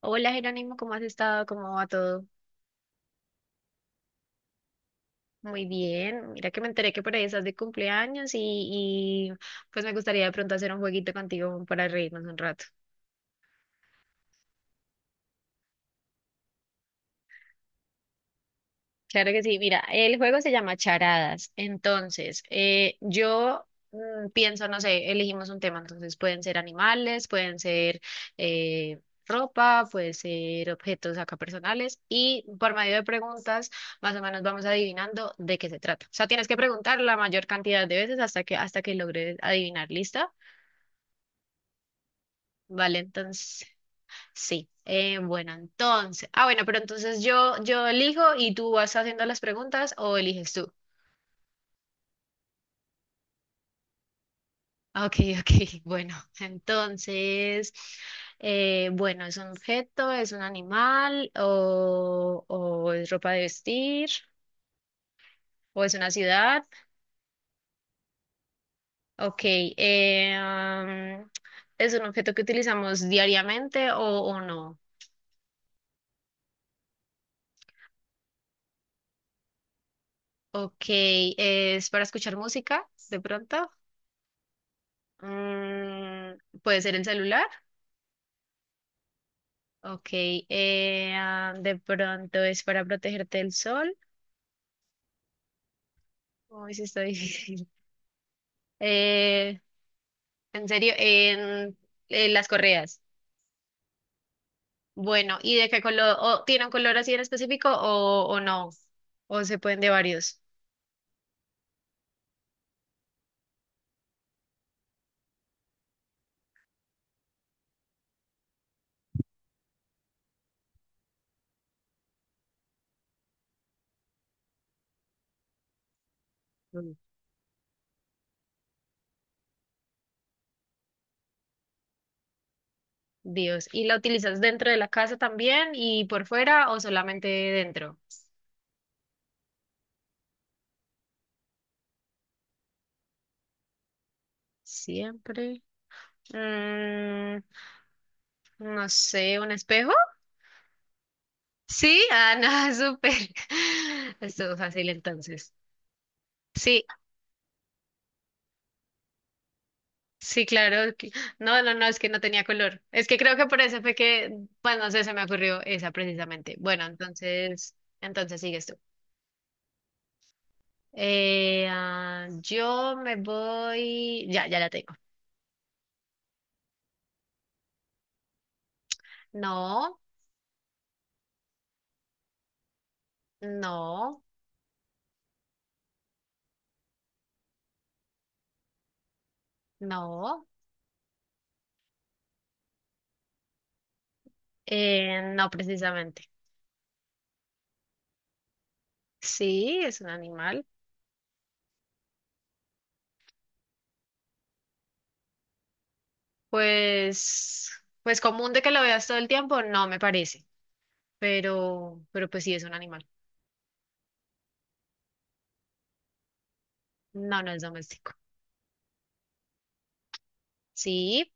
Hola, Jerónimo, ¿cómo has estado? ¿Cómo va todo? Muy bien. Mira que me enteré que por ahí estás de cumpleaños y pues me gustaría de pronto hacer un jueguito contigo para reírnos un rato. Claro que sí. Mira, el juego se llama Charadas. Entonces, pienso, no sé, elegimos un tema. Entonces, pueden ser animales, pueden ser eh, ropa, puede ser objetos acá personales. Y por medio de preguntas, más o menos vamos adivinando de qué se trata. O sea, tienes que preguntar la mayor cantidad de veces hasta que logres adivinar. ¿Lista? Vale, entonces, sí. Pero entonces yo elijo y tú vas haciendo las preguntas o eliges tú. Ok, ok, bueno, entonces, bueno, ¿es un objeto, es un animal o es ropa de vestir o es una ciudad? Ok, ¿es un objeto que utilizamos diariamente o no? Ok, ¿es para escuchar música de pronto? Mm, ¿puede ser el celular? Ok, ¿de pronto es para protegerte del sol? Uy, sí está difícil. Eh, En serio, en, en las correas. Bueno, ¿y de qué color? O ¿tiene un color así en específico o no? ¿O se pueden de varios? Mm, Dios. ¿Y la utilizas dentro de la casa también y por fuera o solamente dentro? Siempre. Mm, no sé, ¿un espejo? Sí, ah, no, súper. Estuvo fácil entonces. Sí, sí, claro. Que No, es que no tenía color. Es que creo que por eso fue que, pues no sé, se me ocurrió esa precisamente. Bueno, entonces, entonces sigues tú. Yo me voy. Ya, ya la tengo. No, no, no, no precisamente. Sí, es un animal. Pues, pues común de que lo veas todo el tiempo, no me parece. Pero pues sí es un animal. No, no es doméstico. Sí.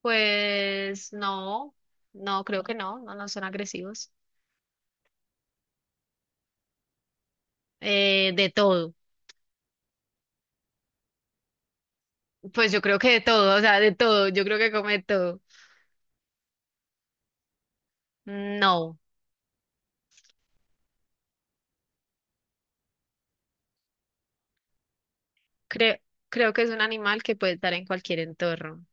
Pues no, no, creo que no, no, no son agresivos. De todo, pues yo creo que de todo, o sea, de todo, yo creo que come de todo. No, creo, creo que es un animal que puede estar en cualquier entorno.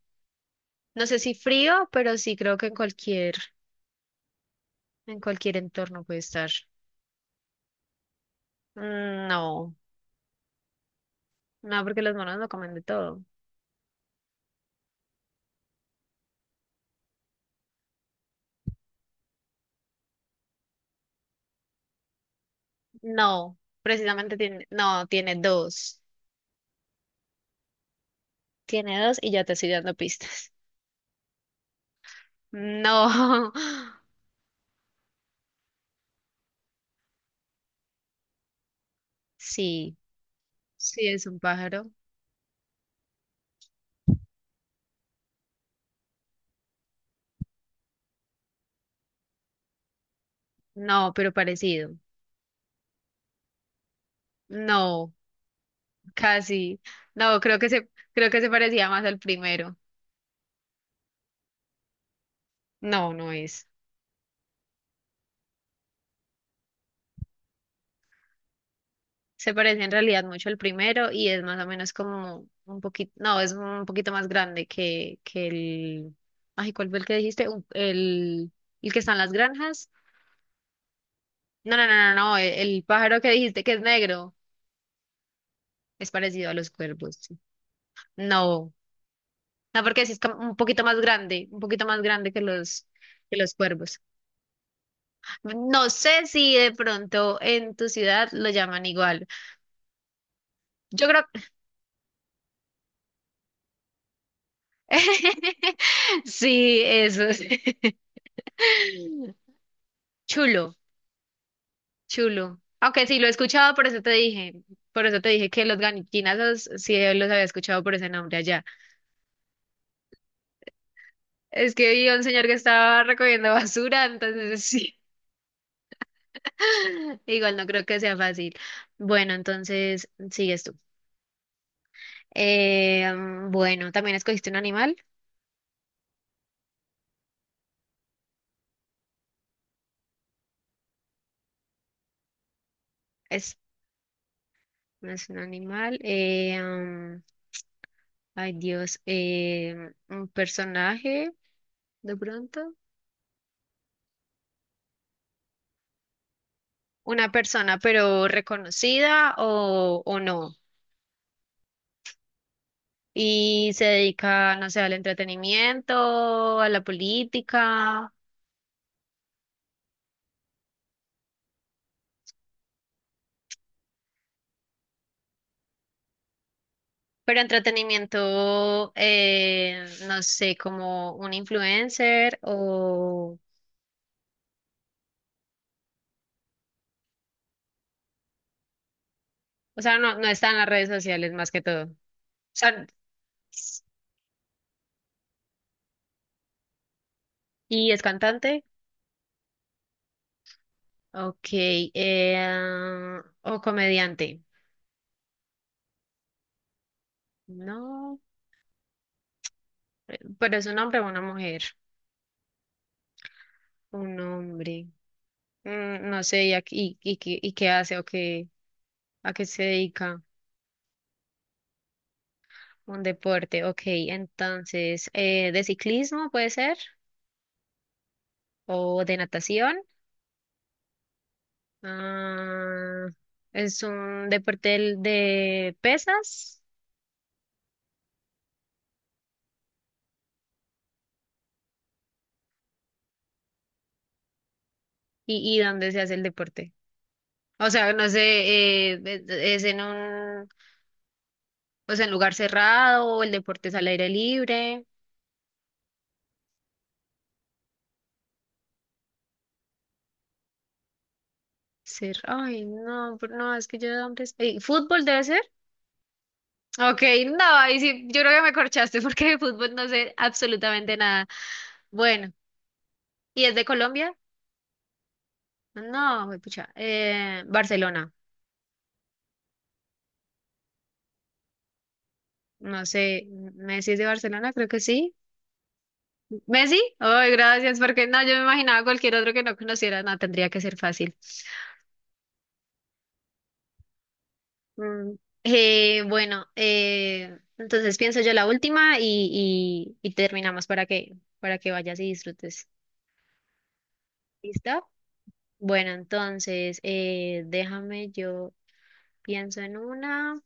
No sé si frío, pero sí creo que en cualquier entorno puede estar. Mm, no, no, porque los monos no comen de todo. No, precisamente tiene, no, tiene dos y ya te estoy dando pistas. No, sí. Sí, es un pájaro. No, pero parecido. No, casi. No, creo que se parecía más al primero. No, no es. Se parece en realidad mucho al primero y es más o menos como un poquito, no, es un poquito más grande que el, ay, ¿cuál fue el que dijiste? Un- el que está en las granjas. No, no, no, no, no, el pájaro que dijiste que es negro es parecido a los cuervos. Sí. No, no, porque sí es como un poquito más grande, un poquito más grande que los cuervos. No sé si de pronto en tu ciudad lo llaman igual. Yo creo sí, eso es. Chulo, chulo. Aunque sí lo he escuchado, por eso te dije, por eso te dije que los ganiquinazos sí los había escuchado por ese nombre allá. Es que vi a un señor que estaba recogiendo basura, entonces sí. Igual no creo que sea fácil. Bueno, entonces sigues tú. Bueno, también escogiste un animal. Es, no es un animal. Ay, Dios, un personaje, de pronto, una persona, pero reconocida o no. Y se dedica, no sé, al entretenimiento, a la política, pero entretenimiento, no sé, como un influencer o sea, no, no está en las redes sociales más que todo. O sea, y es cantante, ok, o comediante. No. Pero es un hombre o una mujer. Un hombre. Mm, no sé, ¿y, a- y, y qué hace o qué, a qué se dedica? Un deporte, ok. Entonces, ¿de ciclismo puede ser? ¿O de natación? Ah, es un deporte del- de pesas. Y dónde se hace el deporte? O sea, no sé, es en un, o sea, en lugar cerrado, o el deporte es al aire libre. Ser, ay, no, pero no, es que yo de hombres. Ey, ¿fútbol debe ser? Ok, no, ahí sí, yo creo que me corchaste porque de fútbol no sé absolutamente nada. Bueno, ¿y es de Colombia? No, güey, pucha. Barcelona, no sé, ¿Messi es de Barcelona? Creo que sí. ¿Messi? Ay, gracias, porque no, yo me imaginaba cualquier otro que no conociera, no, tendría que ser fácil. Mm, bueno, entonces pienso yo la última y terminamos para que vayas y disfrutes. ¿Listo? Bueno, entonces, déjame, yo pienso en una.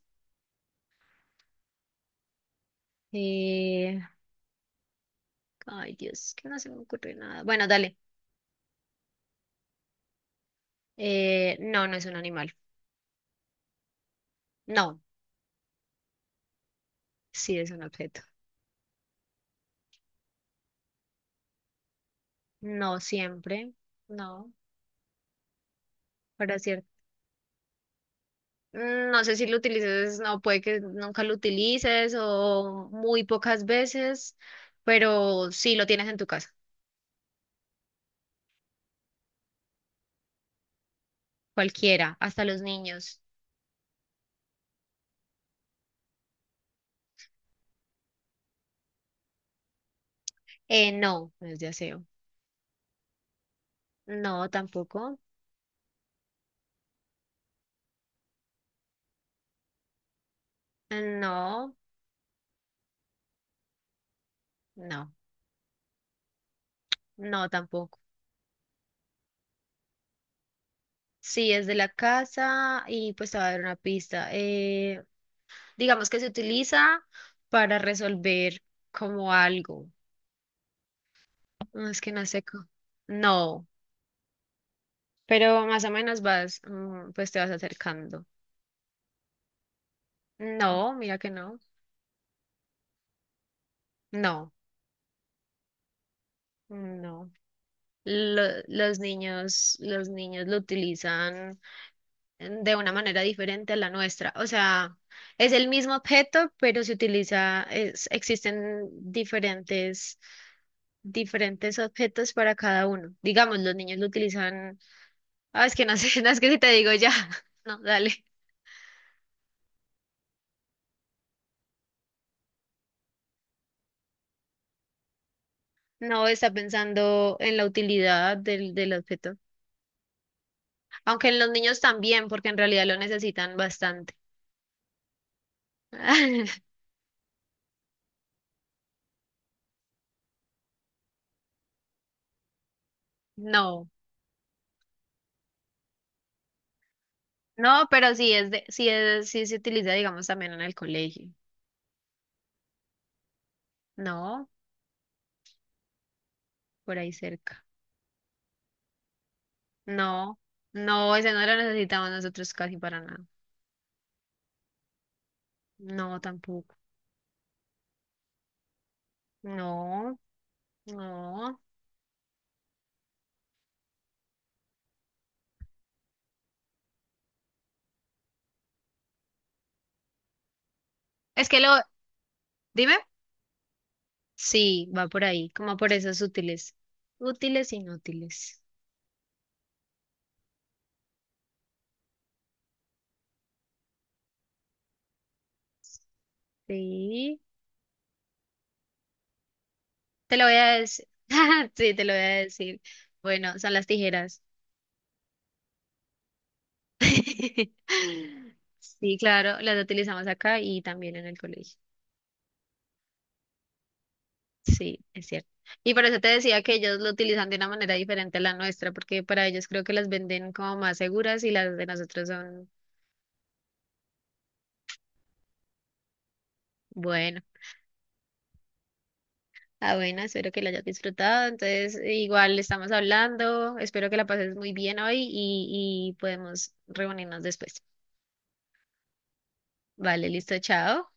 Eh, ay, Dios, que no se me ocurre nada. Bueno, dale. No, no es un animal. No, sí es un objeto. No siempre. No, para cierto. No sé si lo utilices, no, puede que nunca lo utilices o muy pocas veces, pero sí lo tienes en tu casa. Cualquiera, hasta los niños. No, no es de aseo. No, tampoco. No, no. No, tampoco. Sí, es de la casa y pues te va a dar una pista. Digamos que se utiliza para resolver como algo. No, es que no sé cómo. No, pero más o menos vas, mm, pues te vas acercando. No, mira que no. No, no. Lo- los niños lo utilizan de una manera diferente a la nuestra. O sea, es el mismo objeto, pero se utiliza, es- existen diferentes, diferentes objetos para cada uno. Digamos, los niños lo utilizan, ah, es que no sé, no, es que si te digo ya, no, dale. No está pensando en la utilidad del, del objeto. Aunque en los niños también, porque en realidad lo necesitan bastante. No, no, pero sí es de, sí es, sí se utiliza, digamos, también en el colegio. No, por ahí cerca. No, no, ese no lo necesitamos nosotros casi para nada. No, tampoco. No, no. Es que lo, dime. Sí, va por ahí, como por esos útiles. Útiles, inútiles. Sí, te lo voy a decir. Sí, te lo voy a decir. Bueno, son las tijeras. Sí, claro, las utilizamos acá y también en el colegio. Sí, es cierto. Y por eso te decía que ellos lo utilizan de una manera diferente a la nuestra, porque para ellos creo que las venden como más seguras y las de nosotros son, bueno, ah, bueno, espero que la hayas disfrutado. Entonces, igual estamos hablando, espero que la pases muy bien hoy y podemos reunirnos después. Vale, listo, chao.